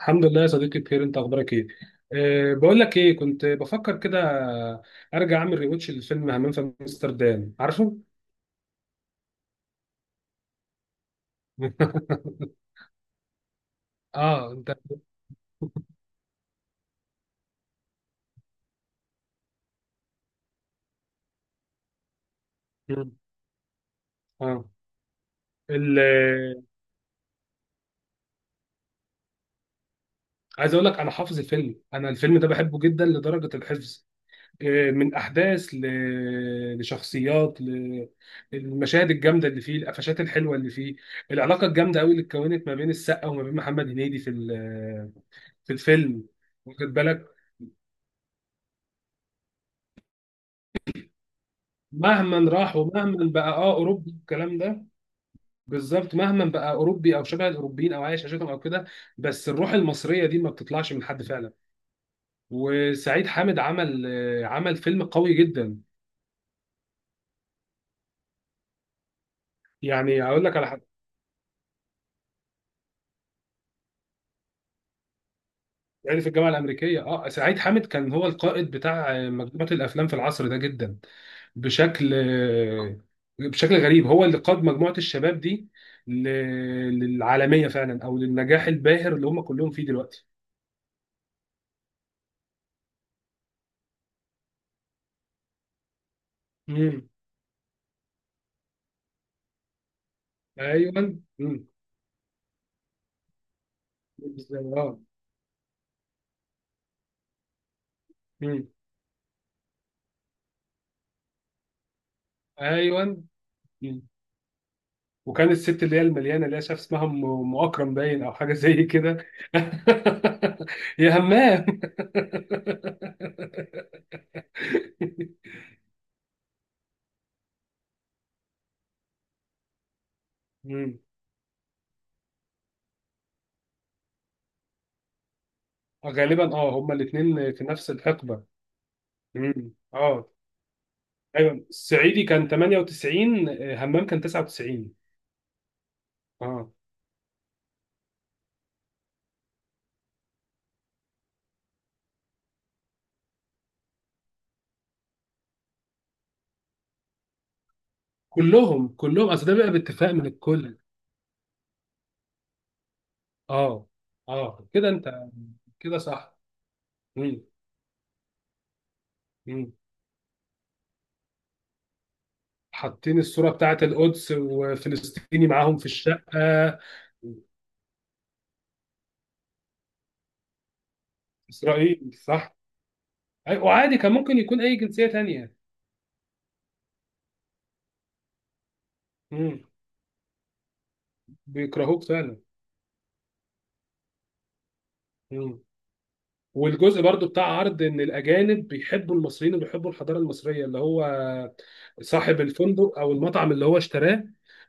الحمد لله يا صديقي، بخير. انت اخبارك ايه؟ بقول لك ايه، كنت بفكر كده ارجع اعمل ريواتش للفيلم همام في امستردام، عارفه؟ اه انت. مم. اه. ال- عايز اقول لك انا حافظ الفيلم، انا الفيلم ده بحبه جدا لدرجه الحفظ. من احداث لشخصيات المشاهد الجامده اللي فيه، القفشات الحلوه اللي فيه، العلاقه الجامده قوي اللي اتكونت ما بين السقا وما بين محمد هنيدي في في الفيلم، واخد بالك؟ مهما راح ومهما بقى اه اوروبي الكلام ده، بالظبط مهما بقى اوروبي او شبه الاوروبيين او عايش عشتهم او كده، بس الروح المصريه دي ما بتطلعش من حد فعلا. وسعيد حامد عمل عمل فيلم قوي جدا. يعني هقول لك على حاجه، يعني في الجامعه الامريكيه اه سعيد حامد كان هو القائد بتاع مجموعه الافلام في العصر ده جدا، بشكل بشكل غريب هو اللي قاد مجموعة الشباب دي ل- للعالمية فعلا أو للنجاح الباهر اللي هم كلهم فيه دلوقتي. مم. ايوه. مم. اه. مم. ايوه. مم. وكان الست اللي هي المليانه اللي هي شاف اسمها أم اكرم باين او حاجه زي كده، يا همام. مم. غالبا اه هما الاثنين في نفس الحقبه. مم. اه. ايوه، الصعيدي كان 98، همام كان 99. اه كلهم كلهم، اصل ده بقى باتفاق من الكل. اه. اه كده انت، كده صح. مم. مم. حاطين الصورة بتاعت القدس وفلسطيني معاهم في الشقة. إسرائيل صح. وعادي كان ممكن يكون أي جنسية تانية. مم. بيكرهوك فعلا. مم. والجزء برضو بتاع عرض ان الاجانب بيحبوا المصريين وبيحبوا الحضاره المصريه، اللي هو صاحب الفندق او المطعم اللي هو اشتراه،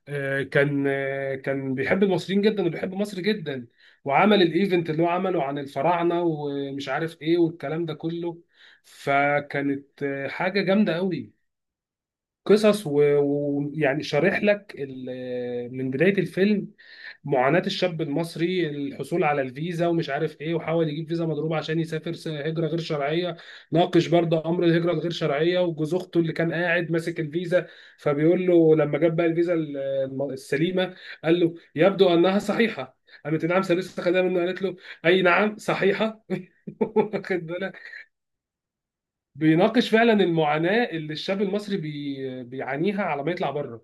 كان بيحب المصريين جدا وبيحب مصر جدا، وعمل الايفنت اللي هو عمله عن الفراعنه ومش عارف ايه والكلام ده كله، فكانت حاجه جامده قوي. قصص ويعني شارح لك من بدايه الفيلم معاناة الشاب المصري الحصول على الفيزا ومش عارف ايه، وحاول يجيب فيزا مضروبة عشان يسافر هجرة غير شرعية. ناقش برضه امر الهجرة الغير شرعية، وجوز اخته اللي كان قاعد ماسك الفيزا فبيقول له لما جاب بقى الفيزا السليمة، قال له يبدو انها صحيحة، قالت نعم سلسة خدها منه. قالت له اي نعم صحيحة. واخد بالك؟ بيناقش فعلا المعاناة اللي الشاب المصري بيعانيها على ما يطلع بره.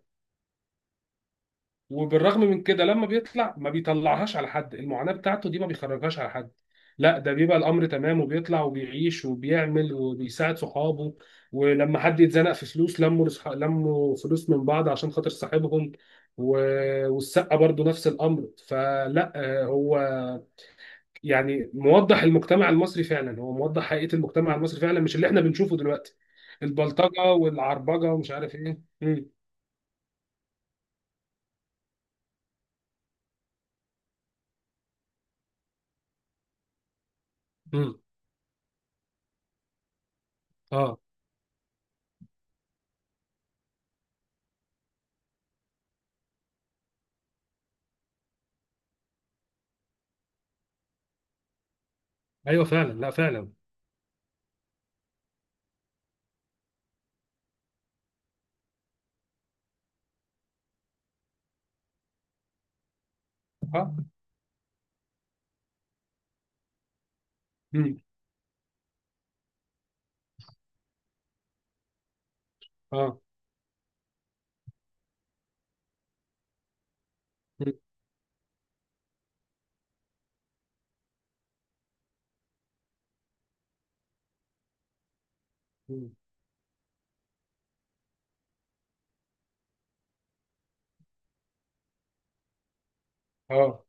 وبالرغم من كده لما بيطلع ما بيطلعهاش على حد، المعاناة بتاعته دي ما بيخرجهاش على حد، لا ده بيبقى الأمر تمام وبيطلع وبيعيش وبيعمل وبيساعد صحابه. ولما حد يتزنق في فلوس لموا لموا فلوس من بعض عشان خاطر صاحبهم. و... والسقة برضو نفس الأمر، فلا هو يعني موضح المجتمع المصري فعلا، هو موضح حقيقة المجتمع المصري فعلا، مش اللي احنا بنشوفه دلوقتي، البلطجة والعربجة ومش عارف ايه. مم. مم. اه ايوه فعلا، لا فعلا. مم. اه. مم. مم. اه.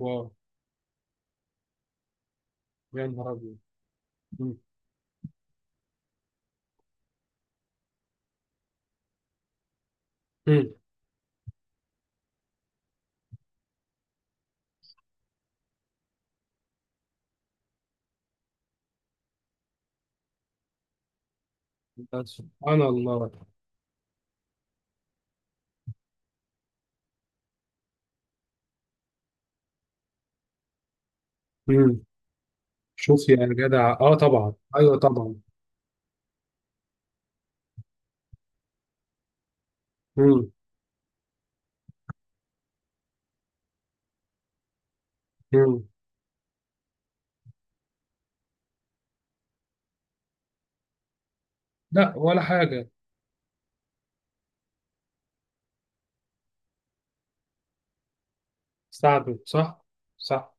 واو. يا نهار ابيض. مم. مم. بس سبحان الله. مم. شوف يا جدع، اه طبعا، ايوه طبعا. مم. مم. لا ولا حاجه. استعبد صح. صح.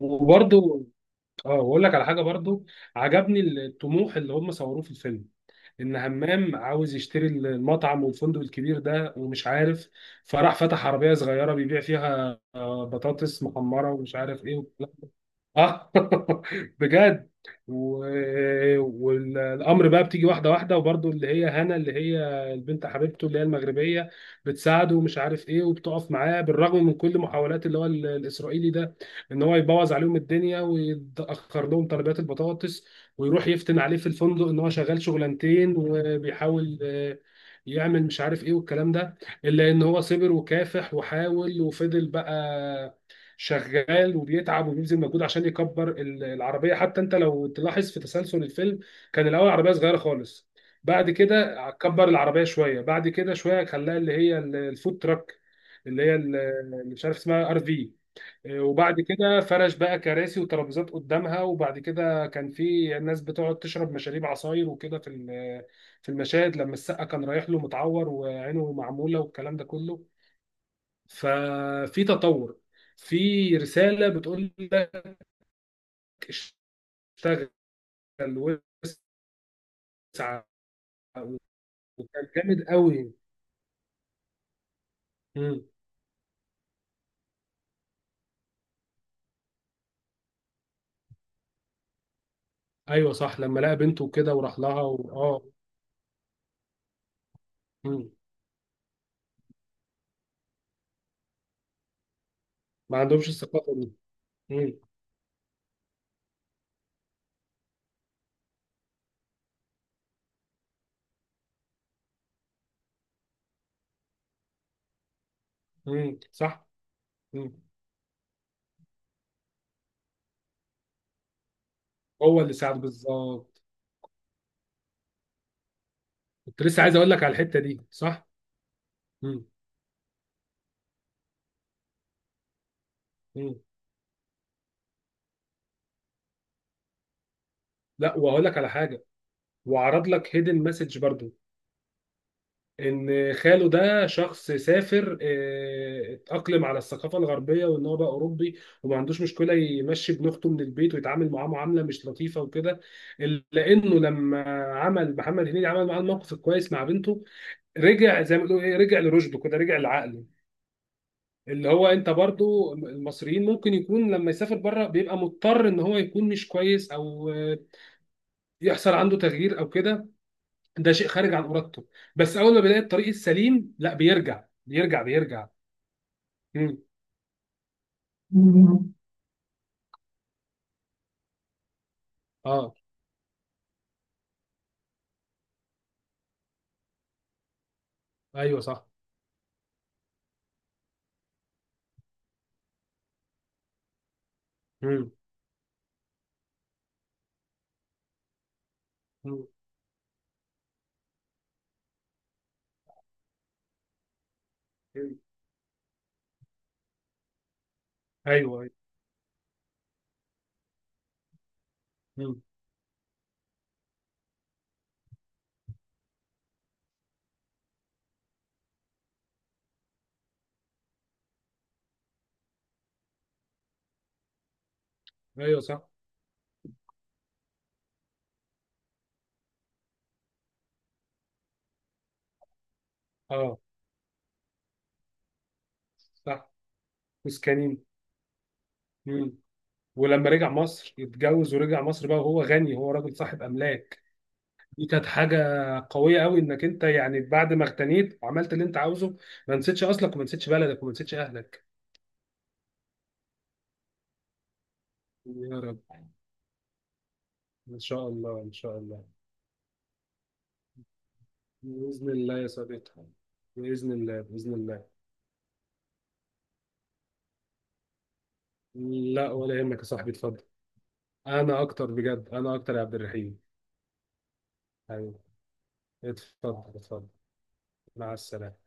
وبرده اه واقول لك على حاجه برضو، عجبني الطموح اللي هم صوروه في الفيلم، ان همام عاوز يشتري المطعم والفندق الكبير ده ومش عارف، فراح فتح عربيه صغيره بيبيع فيها بطاطس محمره ومش عارف ايه. اه. بجد. و... والامر بقى بتيجي واحده واحده، وبرضه اللي هي هنا اللي هي البنت حبيبته اللي هي المغربيه بتساعده ومش عارف ايه وبتقف معاه، بالرغم من كل محاولات اللي هو الاسرائيلي ده، ان هو يبوظ عليهم الدنيا ويتاخر لهم طلبات البطاطس، ويروح يفتن عليه في الفندق ان هو شغال شغلانتين، وبيحاول يعمل مش عارف ايه والكلام ده. الا ان هو صبر وكافح وحاول وفضل بقى شغال وبيتعب وبيبذل مجهود عشان يكبر العربيه. حتى انت لو تلاحظ في تسلسل الفيلم، كان الاول عربيه صغيره خالص، بعد كده كبر العربيه شويه، بعد كده شويه خلاها اللي هي الفود تراك اللي هي اللي مش عارف اسمها ار في. وبعد كده فرش بقى كراسي وترابيزات قدامها، وبعد كده كان في ناس بتقعد تشرب مشاريب عصاير وكده في في المشاهد لما السقا كان رايح له متعور وعينه معموله والكلام ده كله. ففي تطور، في رسالة بتقول لك اشتغل واسعى، وكان جامد قوي. مم. ايوه صح، لما لقى بنته كده وراح لها اه. مم. ما عندهمش الثقافة دي. مم. مم. صح. مم. هو اللي ساعد بالظبط. كنت لسه عايز اقول لك على الحتة دي، صح. مم. مم. لا وهقول لك على حاجة، وعرض لك هيدن مسج برضو، ان خاله ده شخص سافر اتأقلم على الثقافة الغربية وان هو بقى اوروبي، وما عندوش مشكلة يمشي ابن اخته من البيت ويتعامل معاه معاملة مش لطيفة وكده، إلا لانه لما عمل محمد هنيدي عمل معاه الموقف الكويس مع بنته رجع زي ما بيقولوا ايه، رجع لرشده كده، رجع لعقله. اللي هو انت برضو المصريين ممكن يكون لما يسافر بره بيبقى مضطر ان هو يكون مش كويس، او يحصل عنده تغيير او كده، ده شيء خارج عن ارادته. بس اول ما بيلاقي الطريق السليم لا بيرجع بيرجع بيرجع. مم. مم. اه. ايوه صح. مم. مم. مم. ايوه ايوه. مم. ايوه صح. اه صح. مسكنين. مم. ولما رجع مصر اتجوز ورجع مصر بقى وهو غني، هو راجل صاحب املاك. دي كانت حاجه قويه قوي، انك انت يعني بعد ما اغتنيت وعملت اللي انت عاوزه ما نسيتش اصلك وما نسيتش بلدك وما نسيتش اهلك. يا رب. ان شاء الله ان شاء الله. بإذن الله يا صديقي، بإذن الله بإذن الله. لا ولا يهمك يا صاحبي، اتفضل. أنا أكتر بجد، أنا أكتر يا عبد الرحيم. حبيبي، اتفضل اتفضل. مع السلامة.